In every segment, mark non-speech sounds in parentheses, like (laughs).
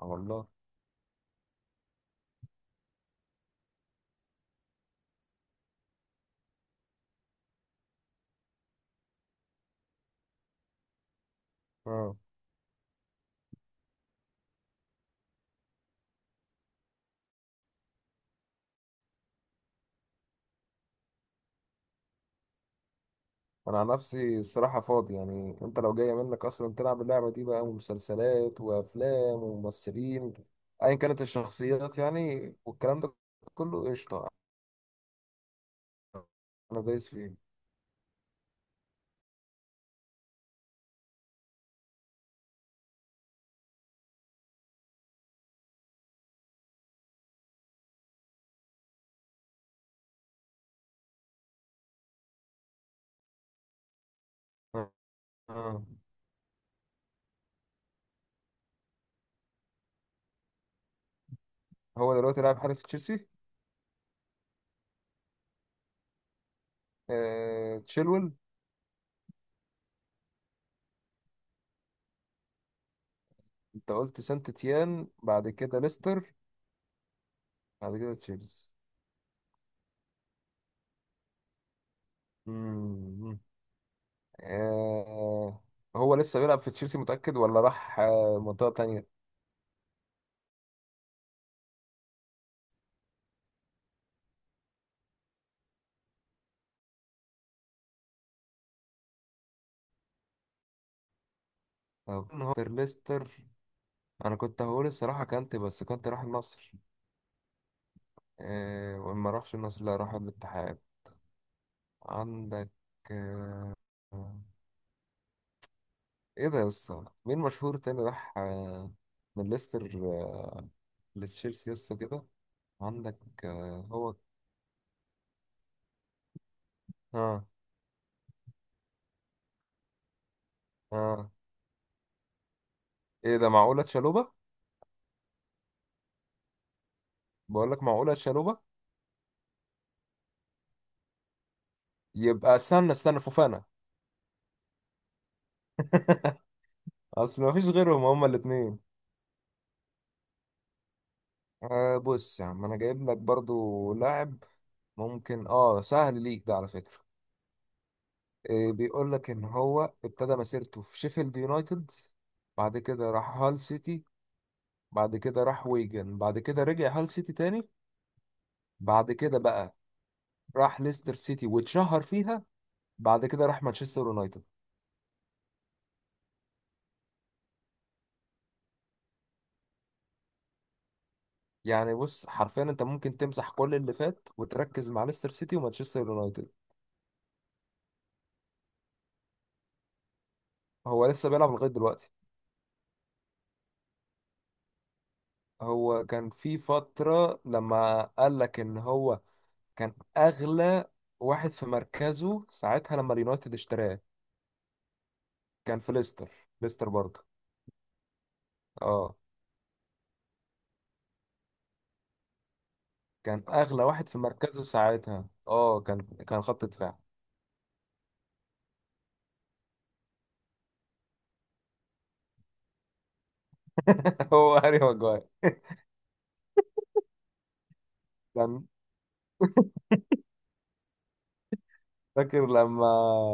آه والله. اه، انا عن نفسي الصراحه فاضي، يعني انت لو جايه منك اصلا تلعب اللعبه دي بقى ومسلسلات وافلام وممثلين، ايا كانت الشخصيات يعني والكلام ده كله قشطه. انا دايس فيه. آه. آه. هو دلوقتي لاعب حارس تشيلسي. آه. تشيلول. انت قلت سانت تيان، بعد كده ليستر، بعد كده تشيلسي. مم. آه. هو لسه بيلعب في تشيلسي، متاكد ولا راح منطقه تانية؟ أو هو ليستر. انا كنت هقول الصراحه، كانت بس كنت راح النصر. إيه وما راحش النصر، لا راح الاتحاد. عندك. آه، ايه ده يا اسطى، مين مشهور تاني راح من ليستر لتشيلسي يا اسطى كده؟ عندك. هو. اه. اه. ايه ده معقوله تشالوبا؟ بقول لك معقوله تشالوبا. يبقى استنى استنى فوفانا. (laughs) اصل ما فيش غيرهم، هما الاثنين. آه بص يا عم، انا جايب لك برضو لاعب ممكن اه سهل ليك ده على فكره. إيه، بيقول لك ان هو ابتدى مسيرته في شيفيلد يونايتد، بعد كده راح هال سيتي، بعد كده راح ويجن، بعد كده رجع هال سيتي تاني، بعد كده بقى راح ليستر سيتي واتشهر فيها، بعد كده راح مانشستر يونايتد. يعني بص حرفيا انت ممكن تمسح كل اللي فات وتركز مع ليستر سيتي ومانشستر يونايتد. هو لسه بيلعب لغاية دلوقتي. هو كان في فترة لما قال لك ان هو كان اغلى واحد في مركزه ساعتها لما اليونايتد اشتراه. كان في ليستر. ليستر برضه. اه كان اغلى واحد في مركزه ساعتها، اه كان. كان خط دفاع. (laughs) هو هاري ماجواير. كان. فاكر لما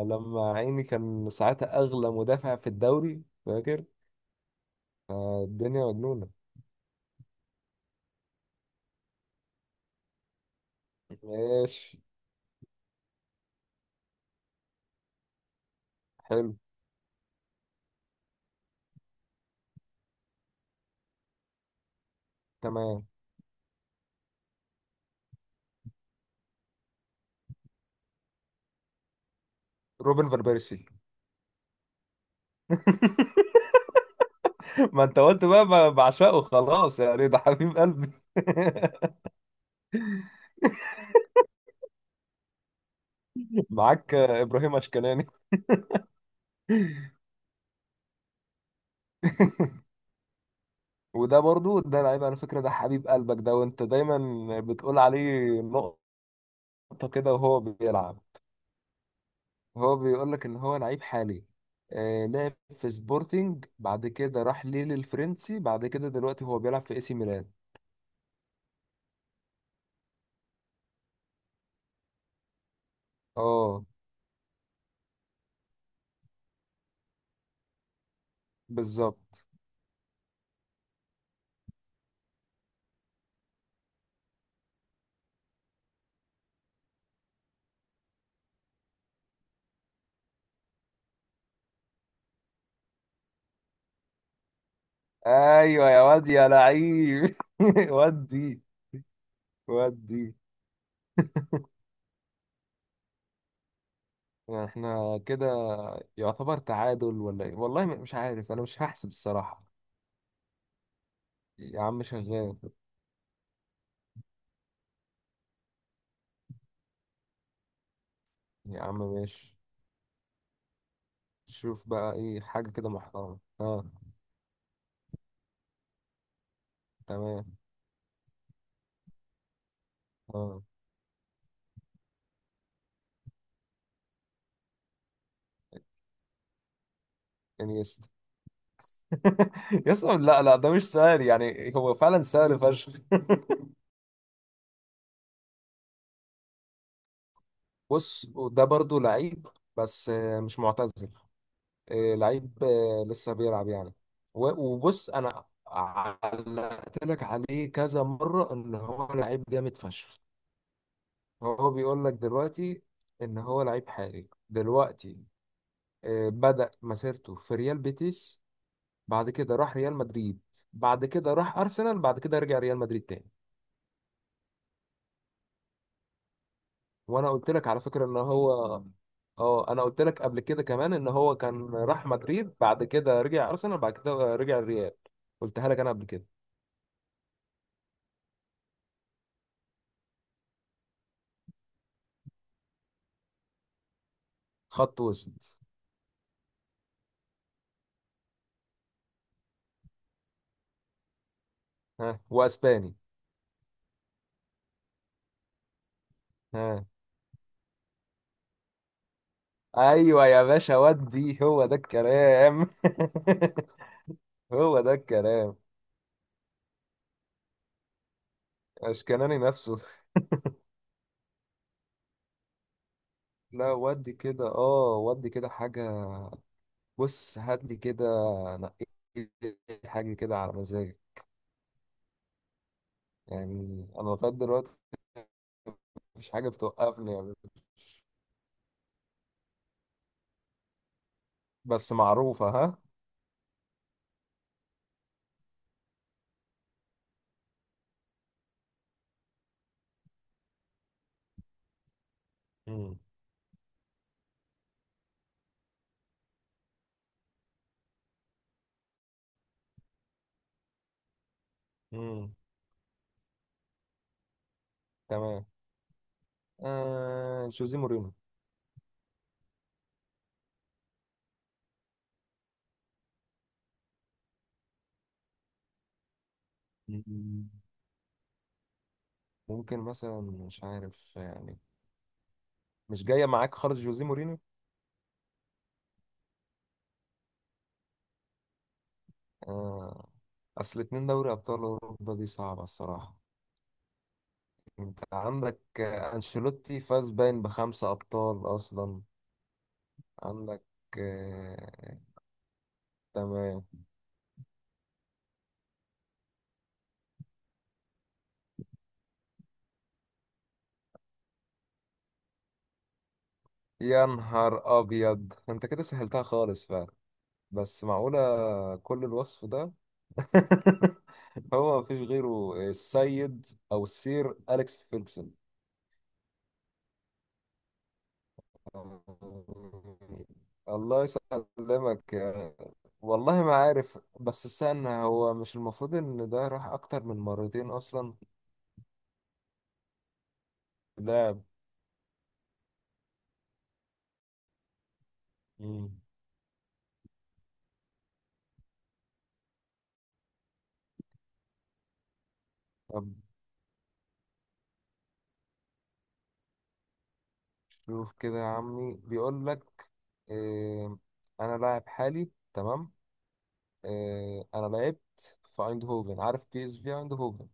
لما عيني كان ساعتها اغلى مدافع في الدوري، فاكر. الدنيا مجنونة. ماشي. حلو. تمام. روبن فان بيرسي. (laughs) ما انت قلت بقى بعشقه خلاص، يعني ده حبيب قلبي. (laughs) معاك ابراهيم اشكناني. (laughs) وده برضو ده لعيب، على فكرة ده حبيب قلبك ده، وانت دايما بتقول عليه نقط. خبطة كده وهو بيلعب. هو بيقول لك ان هو لعيب حالي. آه لعب في سبورتنج، بعد كده راح ليل الفرنسي، بعد كده دلوقتي هو بيلعب في اي سي ميلان. اه. بالظبط. ايوه يا واد يا لعيب (laughs) ودي. ودي. يعني احنا كده يعتبر تعادل ولا ايه، والله مش عارف، انا مش هحسب الصراحة. يا عم شغال. يا عم ماشي. شوف بقى ايه حاجة كده محترمة، اه. تمام. اه. انيستا. (laughs) يسطا لا لا، ده مش سهل يعني هو فعلا سهل فشخ. (laughs) بص، ده برضو لعيب بس مش معتزل. لعيب لسه بيلعب يعني. و- وبص انا علقت لك عليه كذا مرة ان هو لعيب جامد فشخ. هو بيقول لك دلوقتي ان هو لعيب حالي دلوقتي. بدأ مسيرته في ريال بيتيس، بعد كده راح ريال مدريد، بعد كده راح ارسنال، بعد كده رجع ريال مدريد تاني. وانا قلت لك على فكره ان هو اه، انا قلت لك قبل كده كمان ان هو كان راح مدريد بعد كده رجع ارسنال بعد كده رجع الريال. قلتها لك انا قبل كده. خط وسط. ها، واسباني. ها. ايوه يا باشا، ودي هو ده الكلام. (laughs) هو ده الكلام. اشكناني نفسه. لا ودي كده اه، ودي كده حاجه. بص هات لي كده، نقي لي حاجه كده على مزاجك. يعني انا لغايه دلوقتي مفيش حاجه بتوقفني يعني. بس معروفة ها. مم. مم. تمام. آه جوزيه مورينو. مم. ممكن مثلا مش عارف يعني، مش جاية معاك خالص جوزيه مورينو. آه. أصل اتنين دوري أبطال أوروبا دي صعبة الصراحة. أنت عندك أنشيلوتي فاز باين بخمسة أبطال أصلا. عندك. آه. تمام. يا نهار أبيض، أنت كده سهلتها خالص فعلا. بس معقولة كل الوصف ده؟ (laughs) هو مفيش غيره السيد او السير اليكس فيرجسون. الله يسلمك يا-. والله ما عارف، بس استنى، هو مش المفروض ان ده راح اكتر من مرتين اصلا؟ لاعب. مم. طب شوف كده يا عمي، بيقول لك إيه. انا لاعب حالي تمام. إيه، انا لعبت في ايندهوفن، عارف بي اس في ايندهوفن.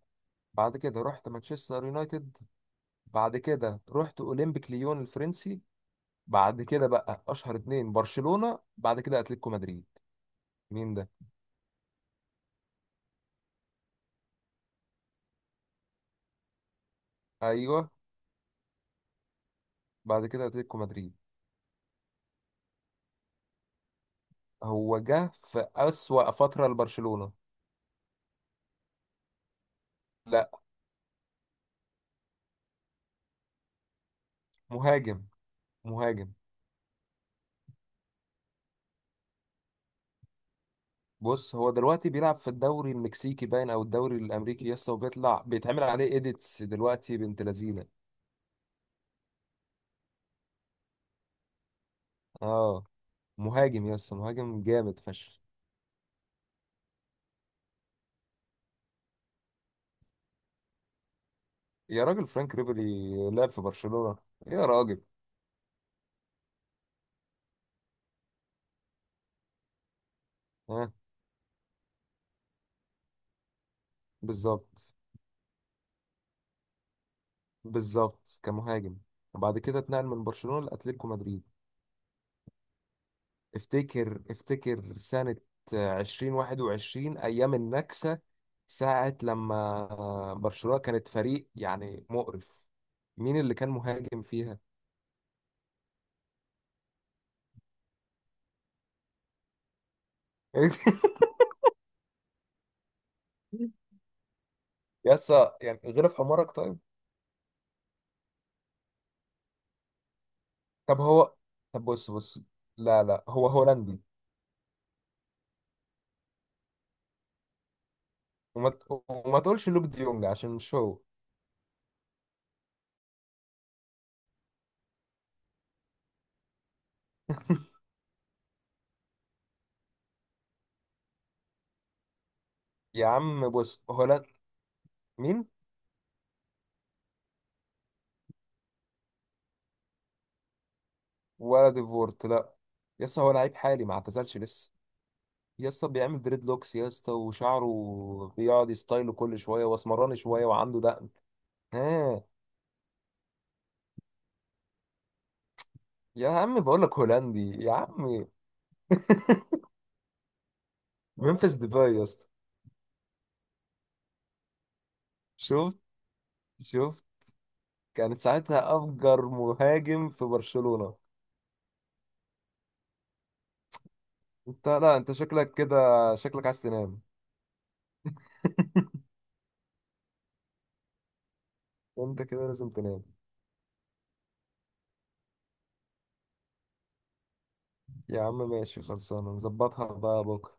بعد كده رحت مانشستر يونايتد. بعد كده رحت اولمبيك ليون الفرنسي. بعد كده بقى اشهر اتنين برشلونة بعد كده اتلتيكو مدريد. مين ده؟ ايوه. بعد كده اتلتيكو مدريد. هو جه في اسوأ فترة لبرشلونة. لا. مهاجم. مهاجم. بص هو دلوقتي بيلعب في الدوري المكسيكي، باين او الدوري الامريكي يسطا، وبيطلع بيتعمل عليه ايديتس دلوقتي بنت لذينه. اه. مهاجم يسطا، مهاجم جامد فشخ. يا راجل فرانك ريبيري لعب في برشلونة يا راجل. ها. بالظبط. بالظبط كمهاجم. وبعد كده اتنقل من برشلونة لأتلتيكو مدريد. افتكر افتكر سنة 2021 أيام النكسة، ساعة لما برشلونة كانت فريق يعني مقرف. مين اللي كان مهاجم فيها؟ (laughs) يسا يعني، غير في حمارك طيب. طب هو. طب بص بص. لا لا هو هولندي. وما تقولش لوك ديونج عشان مش هو. يا عم بص هولند. مين؟ ولا ديفورت لا. يسا هو لعيب حالي ما اعتزلش لسه. يسا بيعمل دريد لوكس، يسا وشعره بيقعد يستايله كل شويه، واسمراني شويه، وعنده دقن. ها. يا عم بقول لك هولندي يا عم. (laughs) ممفيس ديباي يا اسطى. شفت. شفت. كانت ساعتها افجر مهاجم في برشلونة. انت لا انت شكلك كده، شكلك عايز تنام. انت كده لازم تنام. يا عم ماشي، خلصانه نظبطها بقى بكره.